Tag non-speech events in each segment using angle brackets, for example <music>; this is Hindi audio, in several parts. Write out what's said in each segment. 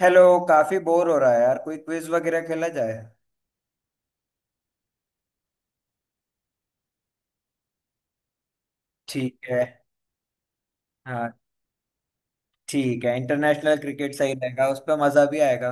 हेलो। काफी बोर हो रहा है यार, कोई क्विज वगैरह खेला जाए। ठीक है। हाँ। ठीक है, इंटरनेशनल क्रिकेट सही रहेगा, उस पर मजा भी आएगा।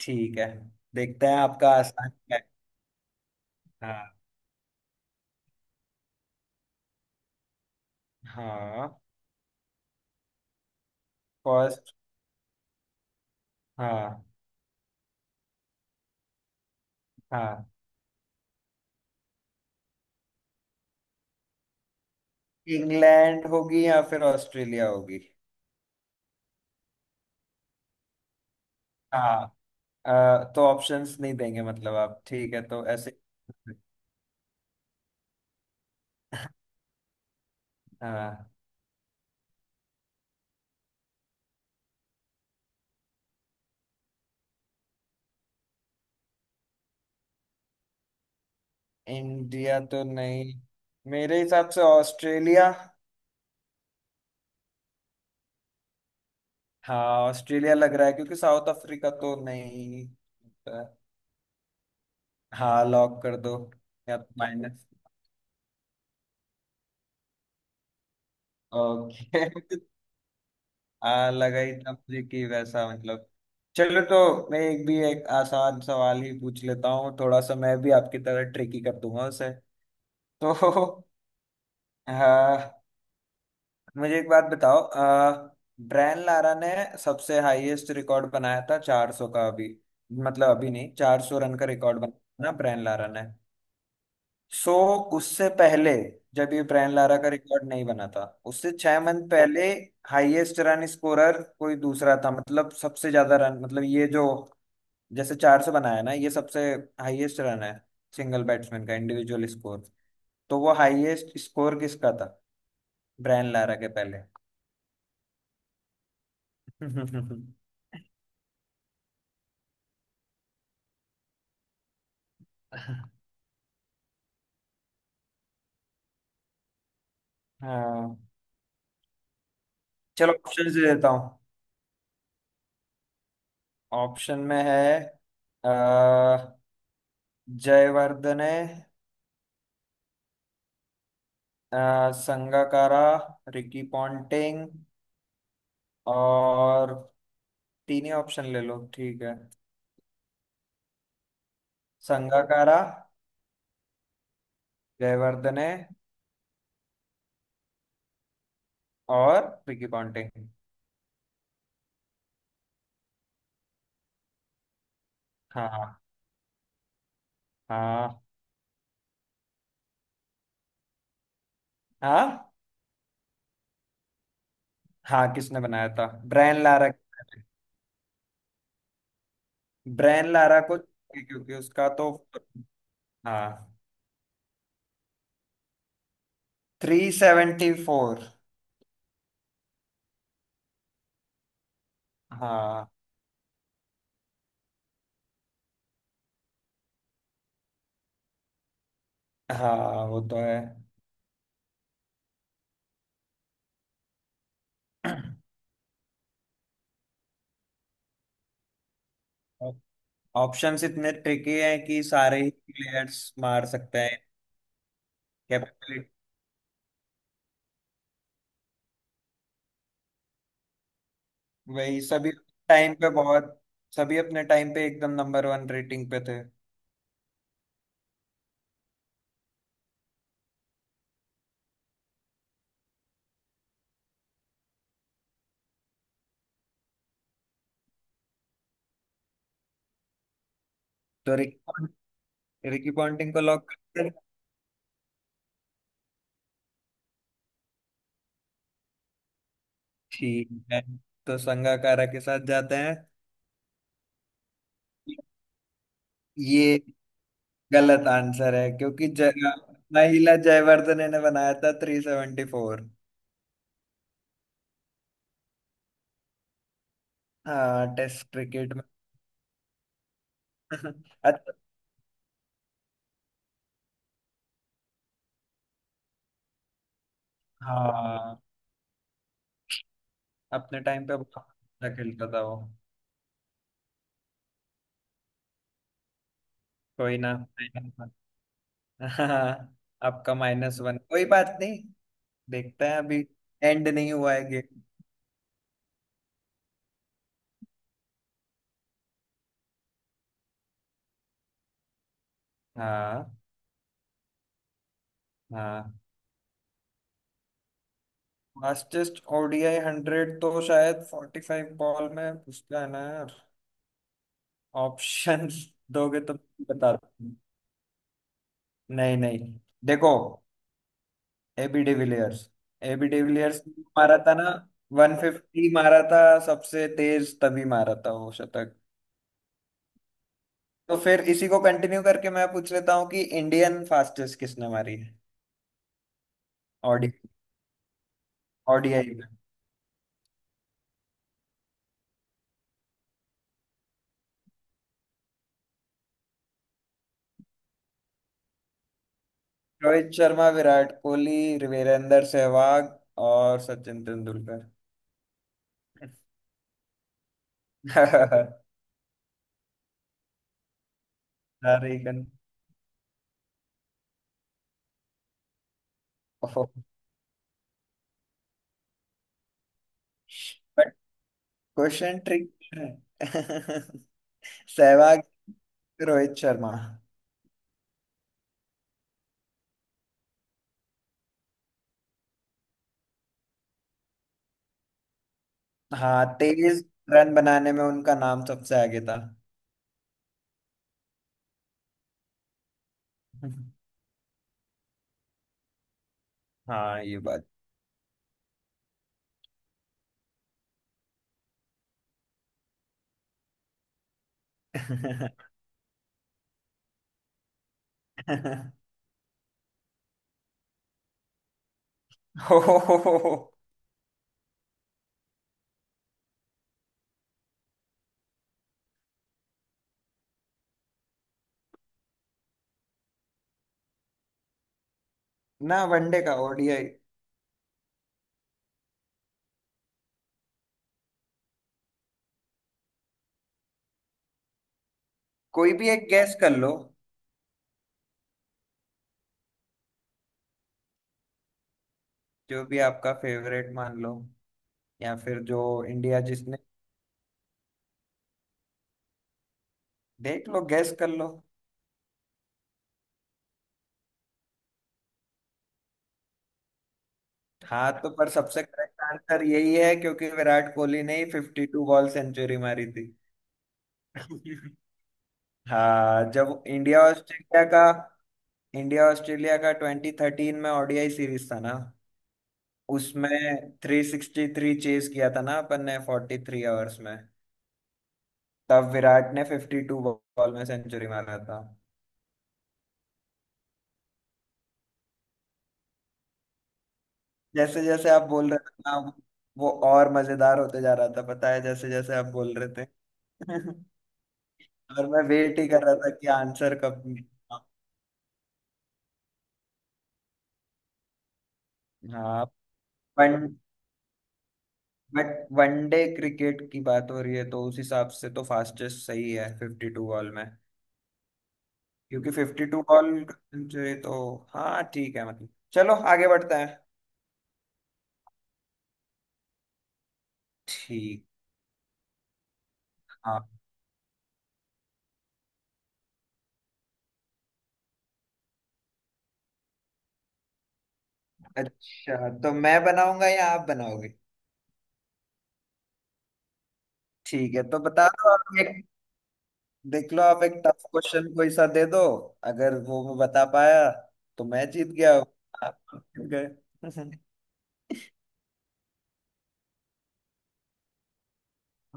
ठीक है, देखते हैं आपका आसान क्या है। हाँ। हाँ। फर्स्ट। हाँ। हाँ, इंग्लैंड होगी या फिर ऑस्ट्रेलिया होगी। हाँ। अ, तो ऑप्शंस नहीं देंगे मतलब आप, ठीक है तो ऐसे। हाँ। इंडिया तो नहीं, मेरे हिसाब से ऑस्ट्रेलिया। हाँ, ऑस्ट्रेलिया लग रहा है क्योंकि साउथ अफ्रीका तो नहीं। हाँ, लॉक कर दो। या माइनस। ओके। आ लगा ही था मुझे कि <laughs> वैसा मतलब। चलो तो मैं एक आसान सवाल ही पूछ लेता हूँ, थोड़ा सा मैं भी आपकी तरह ट्रिकी कर दूंगा उसे। <laughs> तो हाँ, मुझे एक बात बताओ। ब्रायन लारा ने सबसे हाईएस्ट रिकॉर्ड बनाया था 400 का अभी, मतलब अभी नहीं, 400 रन का रिकॉर्ड बनाया था ना ब्रायन लारा ने। सो उससे पहले, जब ये ब्रायन लारा का रिकॉर्ड नहीं बना था, उससे छह मंथ पहले हाईएस्ट रन स्कोरर कोई दूसरा था, मतलब सबसे ज्यादा रन, मतलब ये जो जैसे चार सौ बनाया ना, ये सबसे हाईएस्ट रन है सिंगल बैट्समैन का इंडिविजुअल स्कोर, तो वो हाईएस्ट स्कोर किसका था ब्रायन लारा के पहले। <laughs> हाँ। चलो ऑप्शन दे देता हूँ। ऑप्शन में है अ, जयवर्धने, संगाकारा, रिकी पॉन्टिंग और तीन ही ऑप्शन ले लो ठीक है। संगाकारा, जयवर्धने और रिकी पॉन्टिंग। हाँ। हाँ। हाँ। हाँ, किसने बनाया था। Brian Lara. ब्रायन लारा को क्योंकि उसका तो। हाँ, थ्री सेवेंटी फोर। हाँ हाँ, वो तो है। <clears throat> ऑप्शंस इतने ट्रिकी हैं कि सारे ही प्लेयर्स मार सकते हैं। वही सभी टाइम पे बहुत, सभी अपने टाइम पे एकदम नंबर वन रेटिंग पे थे। तो रिकी रिकी पॉन्टिंग को लॉक करते हैं? ठीक है, तो संगाकारा के साथ जाते हैं। ये गलत आंसर है क्योंकि जय महिला जयवर्धने ने बनाया था थ्री सेवेंटी फोर। हाँ, टेस्ट क्रिकेट में। <laughs> अच्छा। हाँ, अपने टाइम पे बहुत अच्छा खेलता था वो। कोई ना। <laughs> हाँ, आपका माइनस वन, कोई बात नहीं। देखते हैं अभी, एंड नहीं हुआ है गेम। हाँ। हाँ, फास्टेस्ट ओडीआई हंड्रेड तो शायद फोर्टी फाइव बॉल में, पूछता है ना यार। ऑप्शन <laughs> दोगे तो बता दूं। नहीं नहीं, देखो, एबी डिविलियर्स। एबी डिविलियर्स ने मारा था ना। वन फिफ्टी मारा था सबसे तेज, तभी मारा था वो शतक। तो फिर इसी को कंटिन्यू करके मैं पूछ लेता हूँ कि इंडियन फास्टेस्ट किसने मारी है ओडीआई में। रोहित शर्मा, विराट कोहली, वीरेंद्र सहवाग और सचिन तेंदुलकर। <laughs> सारे गन। ओह। बट क्वेश्चन ट्रिक है। <laughs> सहवाग, रोहित शर्मा। हाँ, तेईस रन बनाने में उनका नाम सबसे आगे था। <laughs> हाँ, ये बात। <laughs> हो ना। वनडे का, ओडीआई। कोई भी एक गैस कर लो, जो भी आपका फेवरेट मान लो, या फिर जो इंडिया जिसने। देख लो, गैस कर लो। हाँ, तो पर सबसे करेक्ट आंसर यही है क्योंकि विराट कोहली ने ही फिफ्टी टू बॉल सेंचुरी मारी थी। <laughs> हाँ, जब इंडिया ऑस्ट्रेलिया का, इंडिया ऑस्ट्रेलिया का ट्वेंटी थर्टीन में ओडीआई सीरीज था ना, उसमें थ्री सिक्सटी थ्री चेज किया था ना अपन ने फोर्टी थ्री आवर्स में। तब विराट ने फिफ्टी टू बॉल में सेंचुरी मारा था। जैसे जैसे आप बोल रहे थे ना, वो और मजेदार होते जा रहा था, पता है, जैसे जैसे आप बोल रहे थे <laughs> और मैं वेट ही कर रहा था कि आंसर कब मिलेगा। हाँ। वन। बट वनडे क्रिकेट की बात हो रही है तो उस हिसाब से तो फास्टेस्ट सही है फिफ्टी टू बॉल में, क्योंकि फिफ्टी टू बॉल सेंचुरी तो। हाँ, ठीक है, मतलब चलो आगे बढ़ते हैं। ठीक। हाँ। अच्छा, तो मैं बनाऊंगा या आप बनाओगे? ठीक है, तो बता दो आप एक। देख लो, आप एक टफ क्वेश्चन कोई सा दे दो। अगर वो मैं बता पाया तो मैं जीत गया, आप जीत गए।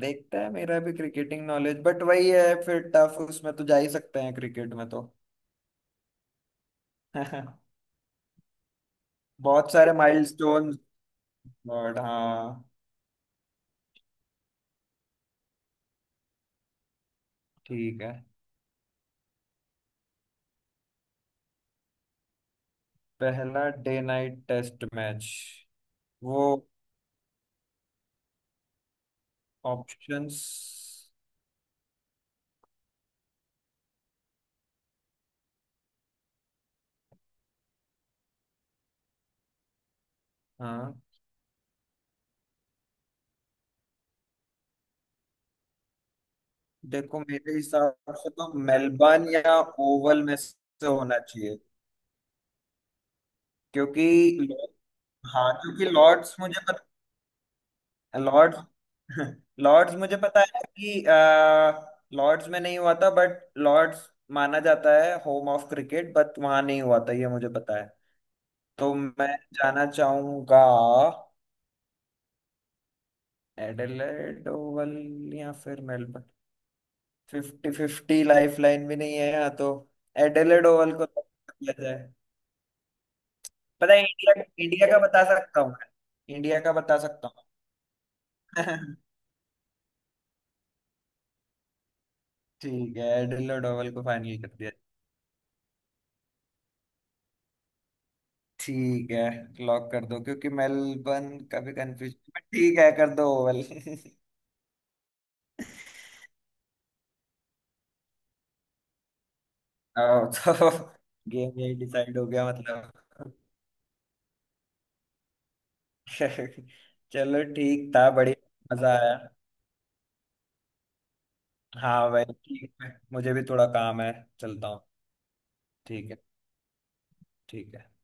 देखता है मेरा भी क्रिकेटिंग नॉलेज, बट वही है, फिर टफ उसमें तो जा ही सकते हैं क्रिकेट में तो। <laughs> बहुत सारे माइलस्टोन। बट हाँ, ठीक है। पहला डे नाइट टेस्ट मैच। वो ऑप्शंस। हाँ, देखो मेरे हिसाब से तो मेलबर्न या ओवल में से होना चाहिए, क्योंकि हाँ, क्योंकि लॉर्ड्स मुझे लॉर्ड्स, लॉर्ड्स <laughs> मुझे पता है कि लॉर्ड्स में नहीं हुआ था, बट लॉर्ड्स माना जाता है होम ऑफ क्रिकेट, बट वहां नहीं हुआ था, ये मुझे पता है। तो मैं जाना चाहूंगा एडिलेड ओवल या फिर Melbourne. Fifty fifty lifeline भी नहीं है यहाँ तो। एडिलेड ओवल को lock किया जाए। पता है इंडिया इंडिया का बता सकता हूँ मैं, इंडिया का बता सकता हूँ। <laughs> ठीक है, एडिलेड ओवल को फाइनल कर दिया। ठीक है, लॉक कर दो क्योंकि मेलबर्न का भी कंफ्यूजन, ठीक है, कर दो ओवल। <laughs> आओ, तो गेम यही डिसाइड हो गया मतलब। <laughs> चलो, ठीक था, बढ़िया। मजा आया। हाँ भाई, ठीक है, मुझे भी थोड़ा काम है, चलता हूँ। ठीक है। ठीक है।